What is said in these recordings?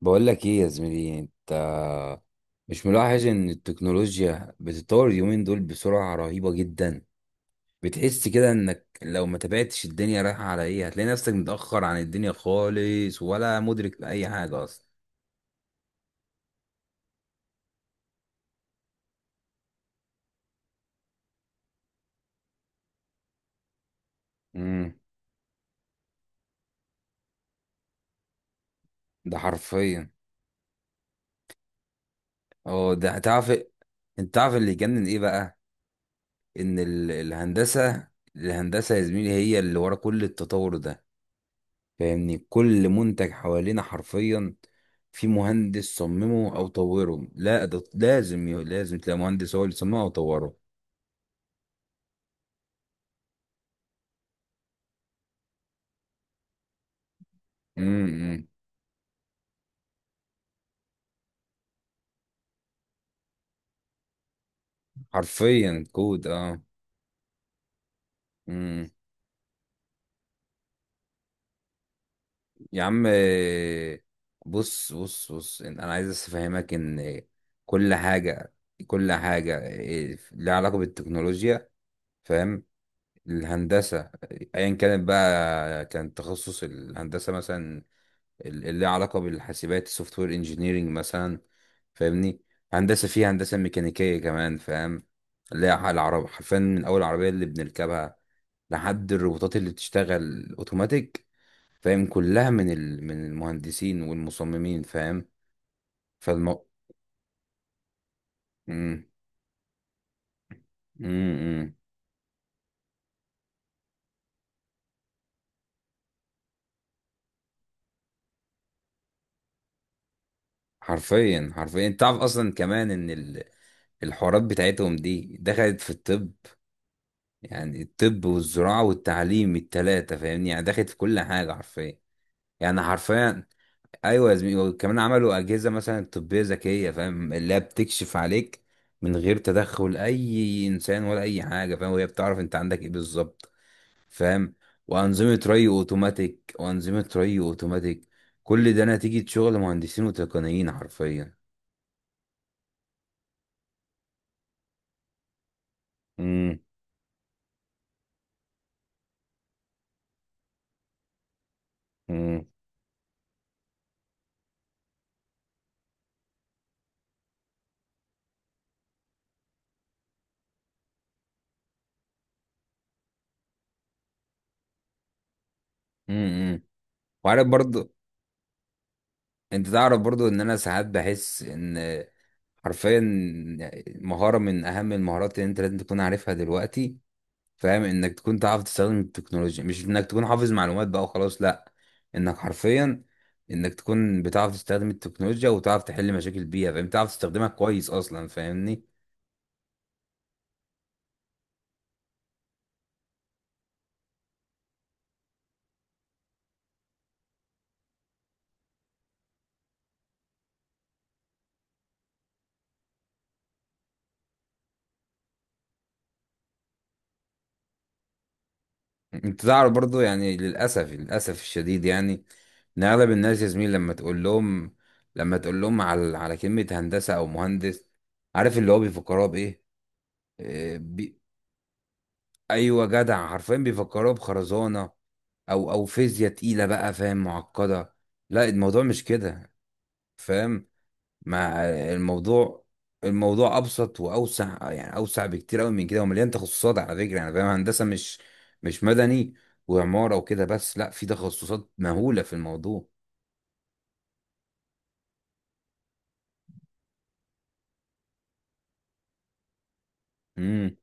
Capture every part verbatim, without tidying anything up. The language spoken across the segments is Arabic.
بقول لك ايه يا زميلي؟ انت مش ملاحظ ان التكنولوجيا بتتطور اليومين دول بسرعة رهيبة جدا؟ بتحس كده انك لو ما تابعتش الدنيا رايحة على ايه، هتلاقي نفسك متأخر عن الدنيا خالص ولا مدرك لأي حاجة اصلا. امم ده حرفيا. اه، ده تعرف. انت تعرف اللي يجنن ايه بقى؟ ان ال- الهندسة، الهندسة يا زميلي هي اللي ورا كل التطور ده. فاهمني؟ كل منتج حوالينا حرفيا في مهندس صممه او طوره. لا، ده لازم ي- لازم تلاقي مهندس هو اللي صممه او طوره. امم إمم. حرفيا كود، اه. امم. يا عم، آه، بص بص بص. إن- انا عايز بس افهمك ان كل حاجه، كل حاجه آه، لها علاقه بالتكنولوجيا. فاهم؟ الهندسه، ايا كانت بقى كان تخصص الهندسه مثلا اللي ليها علاقة بالحاسبات، سوفت وير انجينيرنج مثلا. فاهمني؟ هندسة فيها هندسة ميكانيكية كمان. فاهم؟ اللي هي العرب حرفيا، من أول العربية اللي بنركبها لحد الروبوتات اللي بتشتغل أوتوماتيك. فاهم؟ كلها من ال... من المهندسين والمصممين. فاهم؟ فالمو... مم. مم. مم. حرفيا حرفيا، انت تعرف اصلا كمان ان ال... الحوارات بتاعتهم دي دخلت في الطب. يعني الطب والزراعة والتعليم، التلاتة، فاهمني؟ يعني دخلت في كل حاجة حرفيا. يعني حرفيا. ايوه يا زميلي، وكمان عملوا اجهزه مثلا طبيه ذكيه، فاهم؟ اللي هي بتكشف عليك من غير تدخل اي انسان ولا اي حاجه، فاهم؟ وهي بتعرف انت عندك ايه بالظبط. فاهم؟ وانظمه ري اوتوماتيك وانظمه ري اوتوماتيك كل ده نتيجه شغل مهندسين وتقنيين، حرفيا. امم. امم. امم. وعارف برضو، انت تعرف برضو ان انا ساعات بحس ان حرفيا مهاره من اهم المهارات اللي انت لازم تكون عارفها دلوقتي، فاهم؟ انك تكون تعرف تستخدم التكنولوجيا، مش انك تكون حافظ معلومات بقى وخلاص، لا. انك حرفيا، انك تكون بتعرف تستخدم التكنولوجيا وتعرف تحل مشاكل البيئة، فاهم؟ تعرف تستخدمها كويس اصلا، فاهمني؟ انت تعرف برضو، يعني للاسف، للاسف الشديد، يعني ان اغلب الناس يا زميلي لما تقول لهم، لما تقول لهم على على كلمة هندسة او مهندس، عارف اللي هو بيفكروها بايه؟ إيه، بي... ايوه جدع، حرفيا بيفكروها بخرزانة او او فيزياء تقيله بقى، فاهم؟ معقده. لا، الموضوع مش كده، فاهم؟ مع الموضوع، الموضوع ابسط واوسع، يعني اوسع بكتير قوي من كده ومليان تخصصات على فكره، يعني فاهم. هندسه مش مش مدني وعماره وكده بس، لا، في تخصصات مهوله في الموضوع. امم.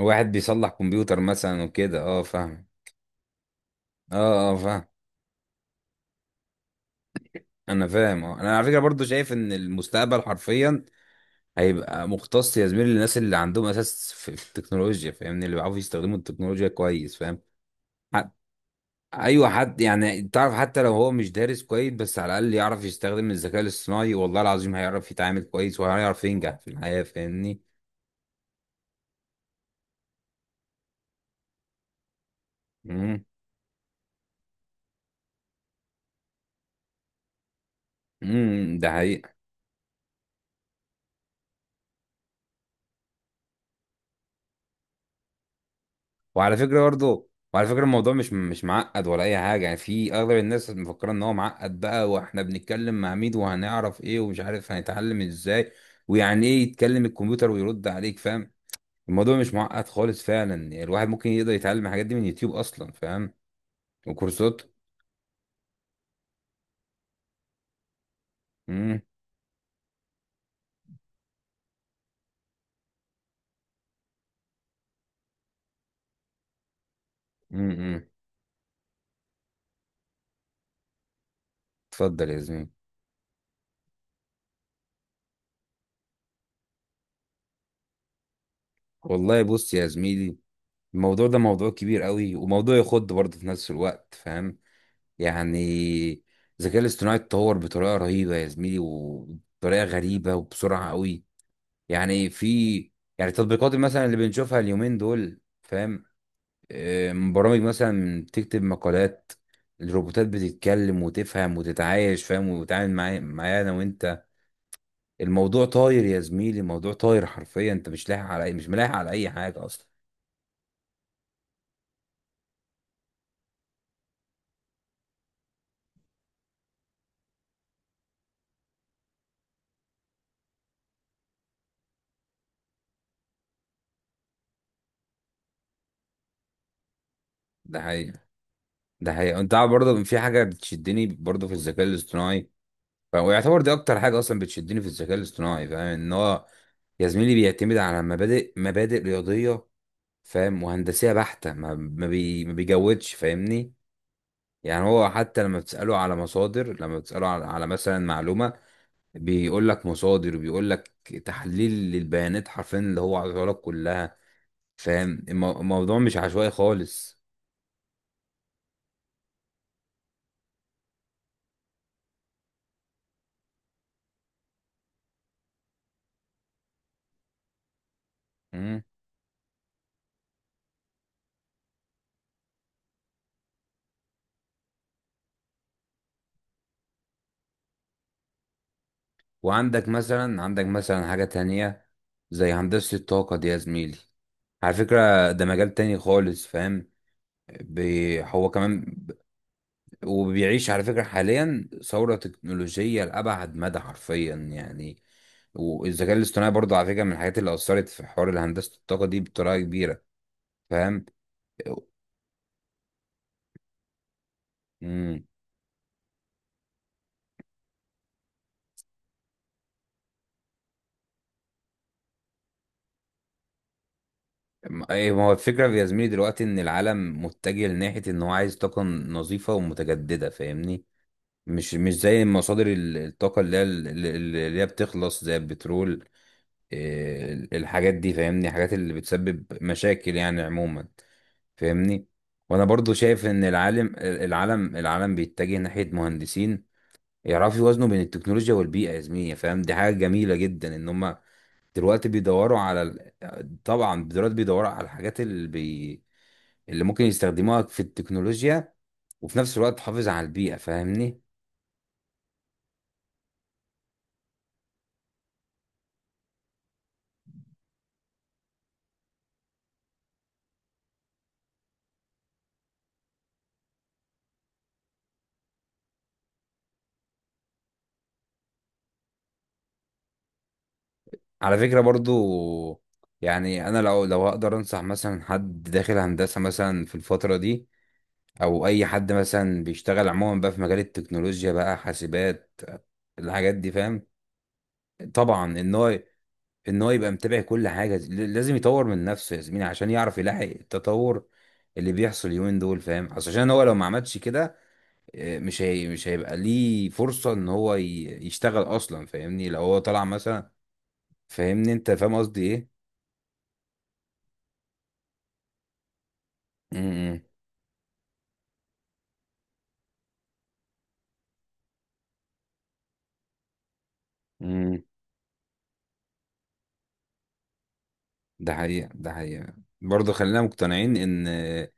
واحد بيصلح كمبيوتر مثلا وكده، اه، فاهم. اه، اه، فاهم. انا فاهم، اه انا على فكره برضو شايف ان المستقبل حرفيا هيبقى مختص يا زميلي للناس اللي عندهم اساس في في التكنولوجيا، فاهمني؟ اللي بيعرفوا يستخدموا التكنولوجيا كويس، فاهم؟ حت... ايوه، حد يعني تعرف، حتى لو هو مش دارس كويس بس على الاقل يعرف يستخدم الذكاء الاصطناعي، والله العظيم هيعرف يتعامل كويس وهيعرف ينجح في الحياه، فاهمني؟ امم. امم. ده حقيقة. وعلى فكره برضه، وعلى فكره الموضوع مش مش معقد ولا اي حاجه، يعني في اغلب الناس مفكره ان هو معقد بقى، واحنا بنتكلم مع مين؟ وهنعرف ايه؟ ومش عارف هنتعلم ازاي؟ ويعني ايه يتكلم الكمبيوتر ويرد عليك، فاهم؟ الموضوع مش معقد خالص فعلا، يعني الواحد ممكن يقدر يتعلم الحاجات دي من يوتيوب اصلا، فاهم؟ وكورسات. امم. امم. امم. اتفضل يا زميلي. والله بص يا زميلي، الموضوع ده موضوع كبير قوي وموضوع يخض برضه في نفس الوقت، فاهم؟ يعني الذكاء الاصطناعي اتطور بطريقه رهيبه يا زميلي وبطريقه غريبه وبسرعه قوي. يعني في يعني التطبيقات مثلا اللي بنشوفها اليومين دول، فاهم؟ آه، برامج مثلا تكتب مقالات، الروبوتات بتتكلم وتفهم وتتعايش، فاهم؟ وتتعامل معايا، معايا انا وانت. الموضوع طاير يا زميلي، الموضوع طاير حرفيا. انت مش لاحق على اي مش ملاحق على اي حاجه اصلا. ده حقيقة، ده حقيقة. انت عارف برضه في حاجه بتشدني برضه في الذكاء الاصطناعي. ف- ويعتبر دي اكتر حاجه اصلا بتشدني في الذكاء الاصطناعي، فاهم؟ ان هو يا زميلي بيعتمد على مبادئ مبادئ رياضيه، فاهم؟ وهندسيه بحته، ما ما, بي ما بيجودش، فاهمني؟ يعني هو حتى لما بتسأله على مصادر، لما بتسأله على, على مثلا معلومة، بيقول لك مصادر، بيقول لك تحليل للبيانات حرفيا اللي هو عايزها لك كلها، فاهم؟ المو- الموضوع مش عشوائي خالص. مم. وعندك مثلا، عندك مثلا حاجة تانية زي هندسة الطاقة دي يا زميلي. على فكرة، ده مجال تاني خالص، فاهم؟ بي- هو كمان وبيعيش على فكرة حاليا ثورة تكنولوجية لأبعد مدى حرفيا يعني. والذكاء الاصطناعي برضه على فكرة من الحاجات اللي أثرت في حوار هندسة الطاقة دي بطريقة كبيرة. فاهم؟ امم. ايه، ما هو الفكرة يا زميلي دلوقتي إن العالم متجه لناحية إن هو عايز طاقة نظيفة ومتجددة، فاهمني؟ مش مش زي مصادر ال- الطاقة اللي هي اللي اللي هي بتخلص، زي البترول، إيه، الحاجات دي، فاهمني؟ الحاجات اللي بتسبب مشاكل يعني عموما، فاهمني؟ وانا برضو شايف ان العالم، العالم العالم بيتجه ناحيه مهندسين يعرفوا يوازنوا بين التكنولوجيا والبيئه يا زميلي، فاهم؟ دي حاجه جميله جدا ان هم دلوقتي بيدوروا على ال... طبعا دلوقتي بيدوروا على الحاجات اللي بي... اللي ممكن يستخدموها في التكنولوجيا وفي نفس الوقت تحافظ على البيئه، فاهمني؟ على فكره برضو، يعني انا لو لو هقدر انصح مثلا حد داخل هندسه مثلا في الفتره دي او اي حد مثلا بيشتغل عموما بقى في مجال التكنولوجيا بقى، حاسبات، الحاجات دي، فاهم؟ طبعا ان هو، ان هو يبقى متابع كل حاجه، ل- لازم يطور من نفسه يا زميلي عشان يعرف يلاحق التطور اللي بيحصل اليومين دول، فاهم؟ أصل عشان هو لو ما عملش كده، آه، مش هي مش هيبقى ليه فرصه ان هو ي- يشتغل اصلا، فاهمني؟ لو هو طلع مثلا، فاهمني؟ انت فاهم قصدي ايه. امم. امم إمم. ده حقيقه، ده حقيقه. برضه خلينا مقتنعين ان آه،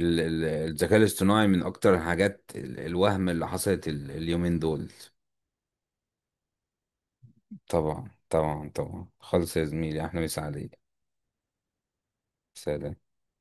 ال- ال- الذكاء الاصطناعي من اكتر الحاجات ال- الوهم اللي حصلت ال- اليومين دول. طبعا طبعا طبعا خالص يا زميلي، احلى مسا عليك. سلام.